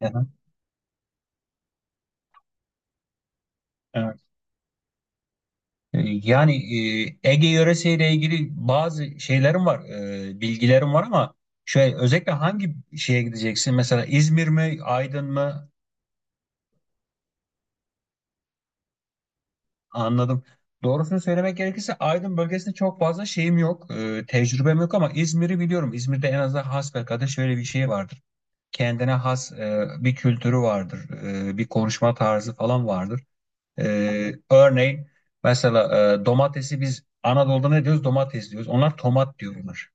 Aha, evet. Yani Ege yöresiyle ilgili bazı şeylerim var, bilgilerim var ama şey özellikle hangi şeye gideceksin? Mesela İzmir mi, Aydın mı? Anladım. Doğrusunu söylemek gerekirse Aydın bölgesinde çok fazla şeyim yok, tecrübem yok ama İzmir'i biliyorum. İzmir'de en azından hasbelkader şöyle bir şey vardır. Kendine has bir kültürü vardır, bir konuşma tarzı falan vardır. Örneğin mesela domatesi biz Anadolu'da ne diyoruz? Domates diyoruz. Onlar tomat diyorlar.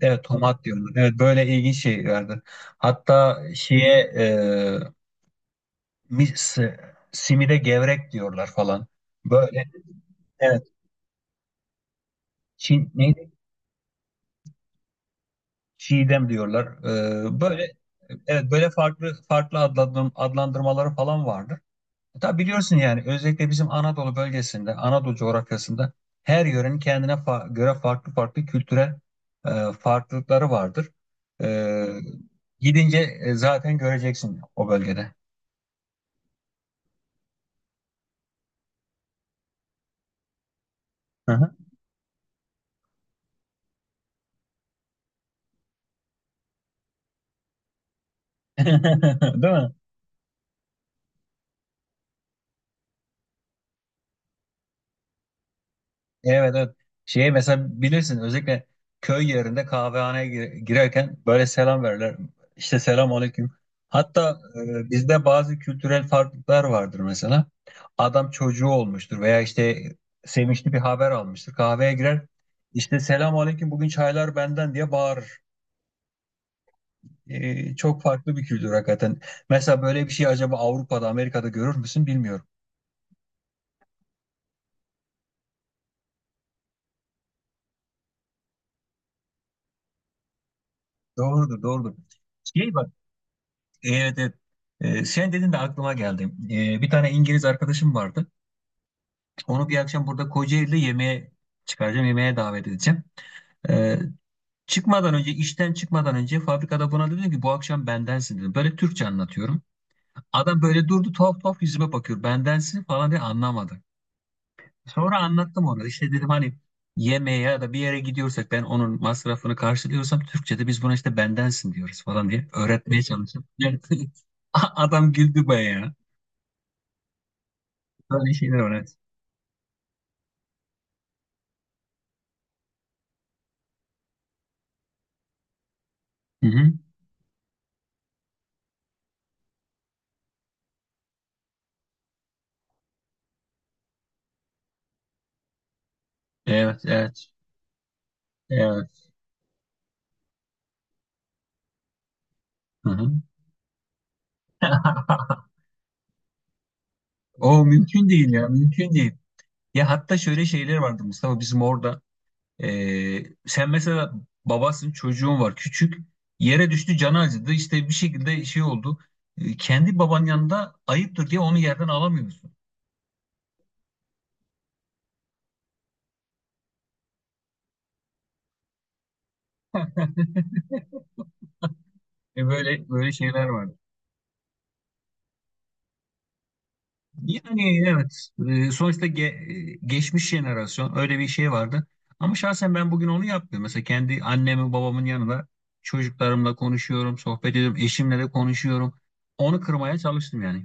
Evet, tomat diyorlar. Evet, böyle ilginç şeylerdi. Hatta şeye, e, mis, si, simide gevrek diyorlar falan. Böyle, evet. Neydi? Çiğdem diyorlar. Böyle, evet, böyle farklı farklı adlandırmaları falan vardır. Tabi biliyorsun yani özellikle bizim Anadolu bölgesinde, Anadolu coğrafyasında her yörenin kendine göre farklı farklı kültürel farklılıkları vardır. E, gidince zaten göreceksin o bölgede. Hı hı. Değil mi? Evet, evet. Şey, mesela bilirsin özellikle köy yerinde kahvehaneye girerken böyle selam verirler. İşte, selam aleyküm. Hatta bizde bazı kültürel farklılıklar vardır mesela. Adam çocuğu olmuştur veya işte sevinçli bir haber almıştır. Kahveye girer. İşte selam aleyküm, bugün çaylar benden diye bağırır. Çok farklı bir kültür hakikaten. Mesela böyle bir şey acaba Avrupa'da, Amerika'da görür müsün bilmiyorum. Doğrudur, doğrudur. Şey, bak. Evet, evet. Sen dedin de aklıma geldi. Bir tane İngiliz arkadaşım vardı. Onu bir akşam burada Kocaeli'de yemeğe çıkaracağım, yemeğe davet edeceğim. Ee, çıkmadan önce, işten çıkmadan önce fabrikada buna dedim ki bu akşam bendensin dedim. Böyle Türkçe anlatıyorum. Adam böyle durdu, tuhaf tuhaf yüzüme bakıyor. Bendensin falan diye anlamadı. Sonra anlattım ona. İşte dedim hani yemeğe ya da bir yere gidiyorsak ben onun masrafını karşılıyorsam Türkçe'de biz buna işte bendensin diyoruz falan diye öğretmeye çalıştım. Adam güldü bayağı. Böyle şeyler var, evet. Hı hı. Evet, evet. Evet. Hı hı. O mümkün değil ya, mümkün değil. Ya, hatta şöyle şeyler vardı Mustafa bizim orada. Sen mesela babasın, çocuğun var küçük, yere düştü, canı acıdı işte bir şekilde şey oldu. Kendi baban yanında ayıptır diye onu yerden alamıyorsun. Böyle böyle şeyler vardı. Yani, evet, sonuçta geçmiş jenerasyon öyle bir şey vardı. Ama şahsen ben bugün onu yapmıyorum. Mesela kendi annemin babamın yanında çocuklarımla konuşuyorum, sohbet ediyorum, eşimle de konuşuyorum. Onu kırmaya çalıştım yani.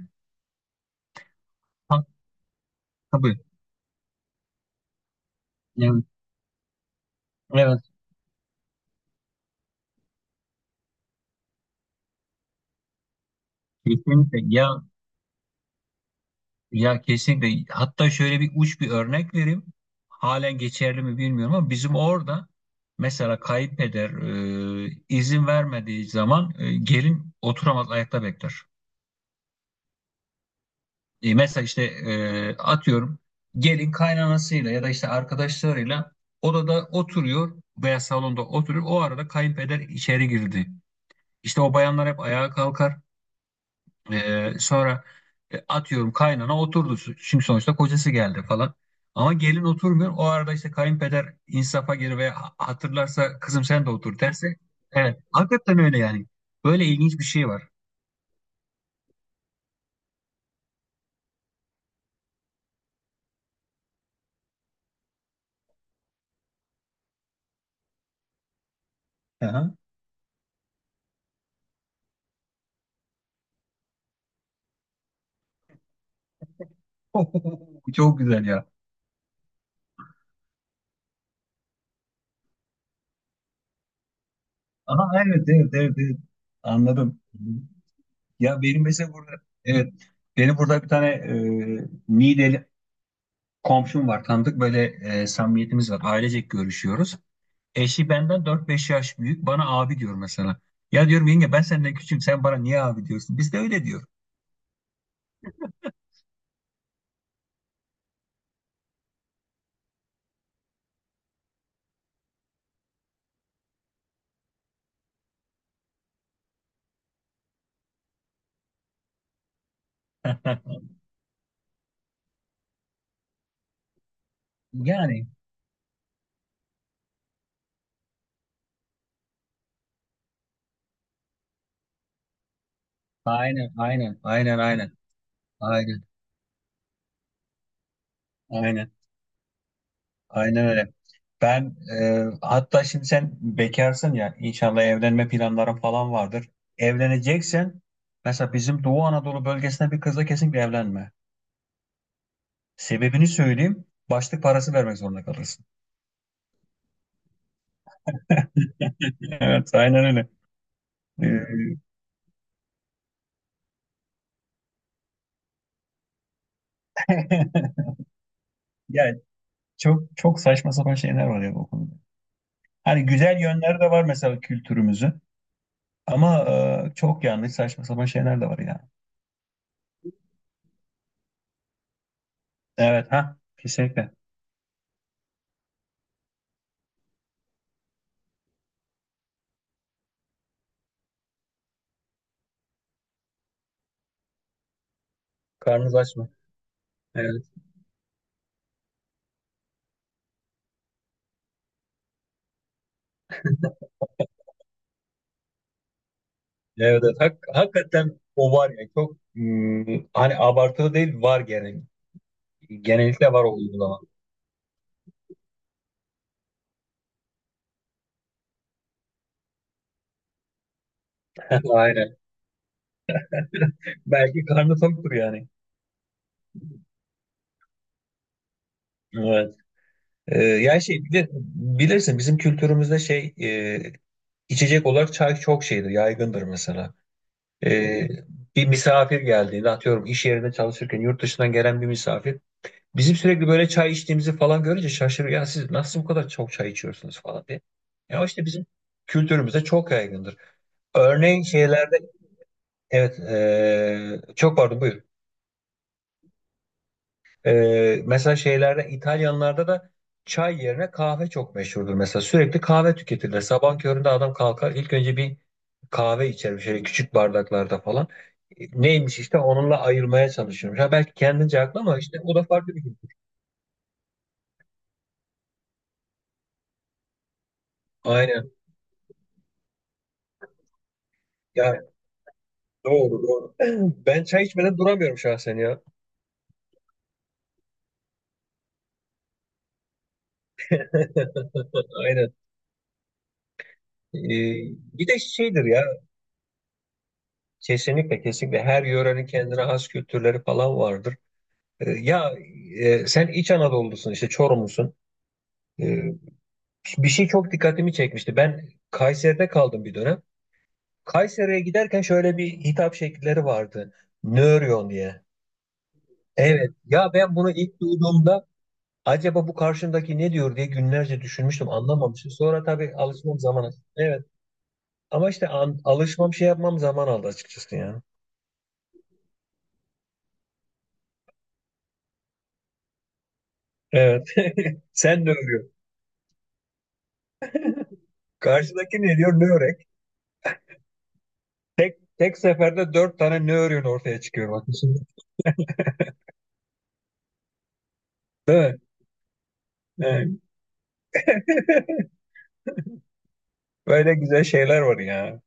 Ha, tabii. Yani, evet, kesinlikle ya, kesinlikle, hatta şöyle bir uç bir örnek vereyim. Halen geçerli mi bilmiyorum ama bizim orada mesela kayınpeder izin vermediği zaman gelin oturamaz, ayakta bekler. Mesela işte atıyorum, gelin kaynanasıyla ya da işte arkadaşlarıyla odada oturuyor veya salonda oturuyor. O arada kayınpeder içeri girdi. İşte o bayanlar hep ayağa kalkar. Sonra atıyorum kaynana oturdu. Çünkü sonuçta kocası geldi falan. Ama gelin oturmuyor. O arada işte kayınpeder insafa gelir veya hatırlarsa kızım sen de otur derse. Evet. Hakikaten öyle yani. Böyle ilginç bir şey var. Aha. Çok güzel ya. Aha, evet, evet, evet, evet. Anladım. Ya, benim mesela burada, evet, benim burada bir tane Niğdeli komşum var, tanıdık, böyle samimiyetimiz var, ailecek görüşüyoruz. Eşi benden 4-5 yaş büyük, bana abi diyor mesela. Ya diyorum yenge, ben senden küçüğüm, sen bana niye abi diyorsun? Biz de öyle diyor. Yani, aynen aynen aynen aynen aynen aynen. Aynen öyle. Ben hatta şimdi sen bekarsın ya, inşallah evlenme planların falan vardır. Evleneceksen mesela bizim Doğu Anadolu bölgesine bir kızla kesinlikle evlenme. Sebebini söyleyeyim. Başlık parası vermek zorunda kalırsın. Evet, aynen öyle. Ee, Yani çok çok saçma sapan şeyler var ya bu konuda. Hani güzel yönleri de var mesela kültürümüzün ama çok yanlış saçma sapan şeyler de var ya. Evet, ha kesinlikle. Karnınız aç mı? Evet. Evet, evet. Hakikaten o var ya, çok hani abartılı değil, var genel. Genellikle var o uygulama. Aynen. Belki karnı toktur yani. Evet. Yani şey bilirsin bizim kültürümüzde şey içecek olarak çay çok şeydir, yaygındır mesela. Ee, bir misafir geldiğinde atıyorum, iş yerinde çalışırken yurt dışından gelen bir misafir bizim sürekli böyle çay içtiğimizi falan görünce şaşırıyor. Ya siz nasıl bu kadar çok çay içiyorsunuz falan diye. Ya işte bizim kültürümüzde çok yaygındır. Örneğin şeylerde, evet. Çok pardon, buyurun. Mesela şeylerde İtalyanlarda da çay yerine kahve çok meşhurdur. Mesela sürekli kahve tüketirler. Sabah köründe adam kalkar ilk önce bir kahve içer şöyle küçük bardaklarda falan. Neymiş işte, onunla ayırmaya çalışıyorum. Ha, belki kendince haklı ama işte o da farklı bir şey. Aynen. Ya, doğru doğru. Ben çay içmeden duramıyorum şahsen ya. Aynen. Ee, bir de şeydir ya. Kesinlikle, kesinlikle. Her yörenin kendine has kültürleri falan vardır. Ya, sen İç Anadolu'lusun işte Çorumlusun. Ee, bir şey çok dikkatimi çekmişti. Ben Kayseri'de kaldım bir dönem. Kayseri'ye giderken şöyle bir hitap şekilleri vardı. Nöryon diye. Evet. Ya ben bunu ilk duyduğumda acaba bu karşımdaki ne diyor diye günlerce düşünmüştüm. Anlamamıştım. Sonra tabii alışmam zaman aldı. Evet. Ama işte alışmam şey yapmam zaman aldı açıkçası yani. Evet. Sen de öyle. Karşıdaki ne diyor? Ne örek? Tek tek seferde dört tane ne örüğün ortaya çıkıyor bak. Değil mi? Evet. Böyle güzel şeyler var ya.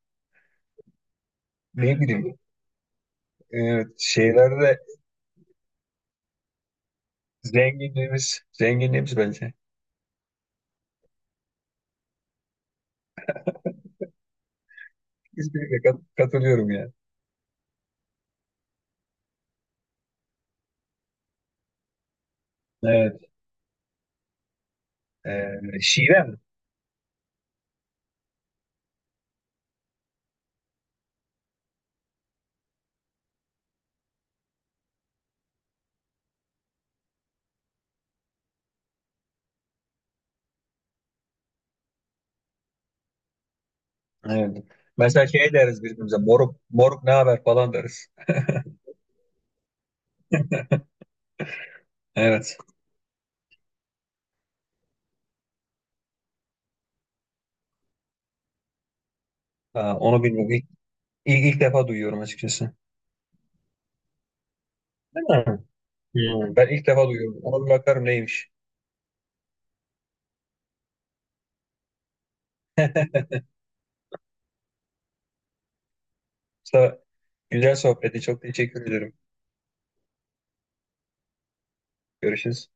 Ne, evet, bileyim. Evet, şeylerde zenginliğimiz, zenginliğimiz bence. Kesinlikle katılıyorum ya. Evet. Şive mi? Evet. Mesela şey deriz birbirimize. Moruk, moruk ne haber falan deriz. Evet. Ha, onu bilmiyorum. İlk defa duyuyorum açıkçası. Değil mi? Hmm, ben ilk defa duyuyorum. Ona bir bakarım neymiş. Musa, güzel sohbeti. Çok teşekkür ederim. Görüşürüz.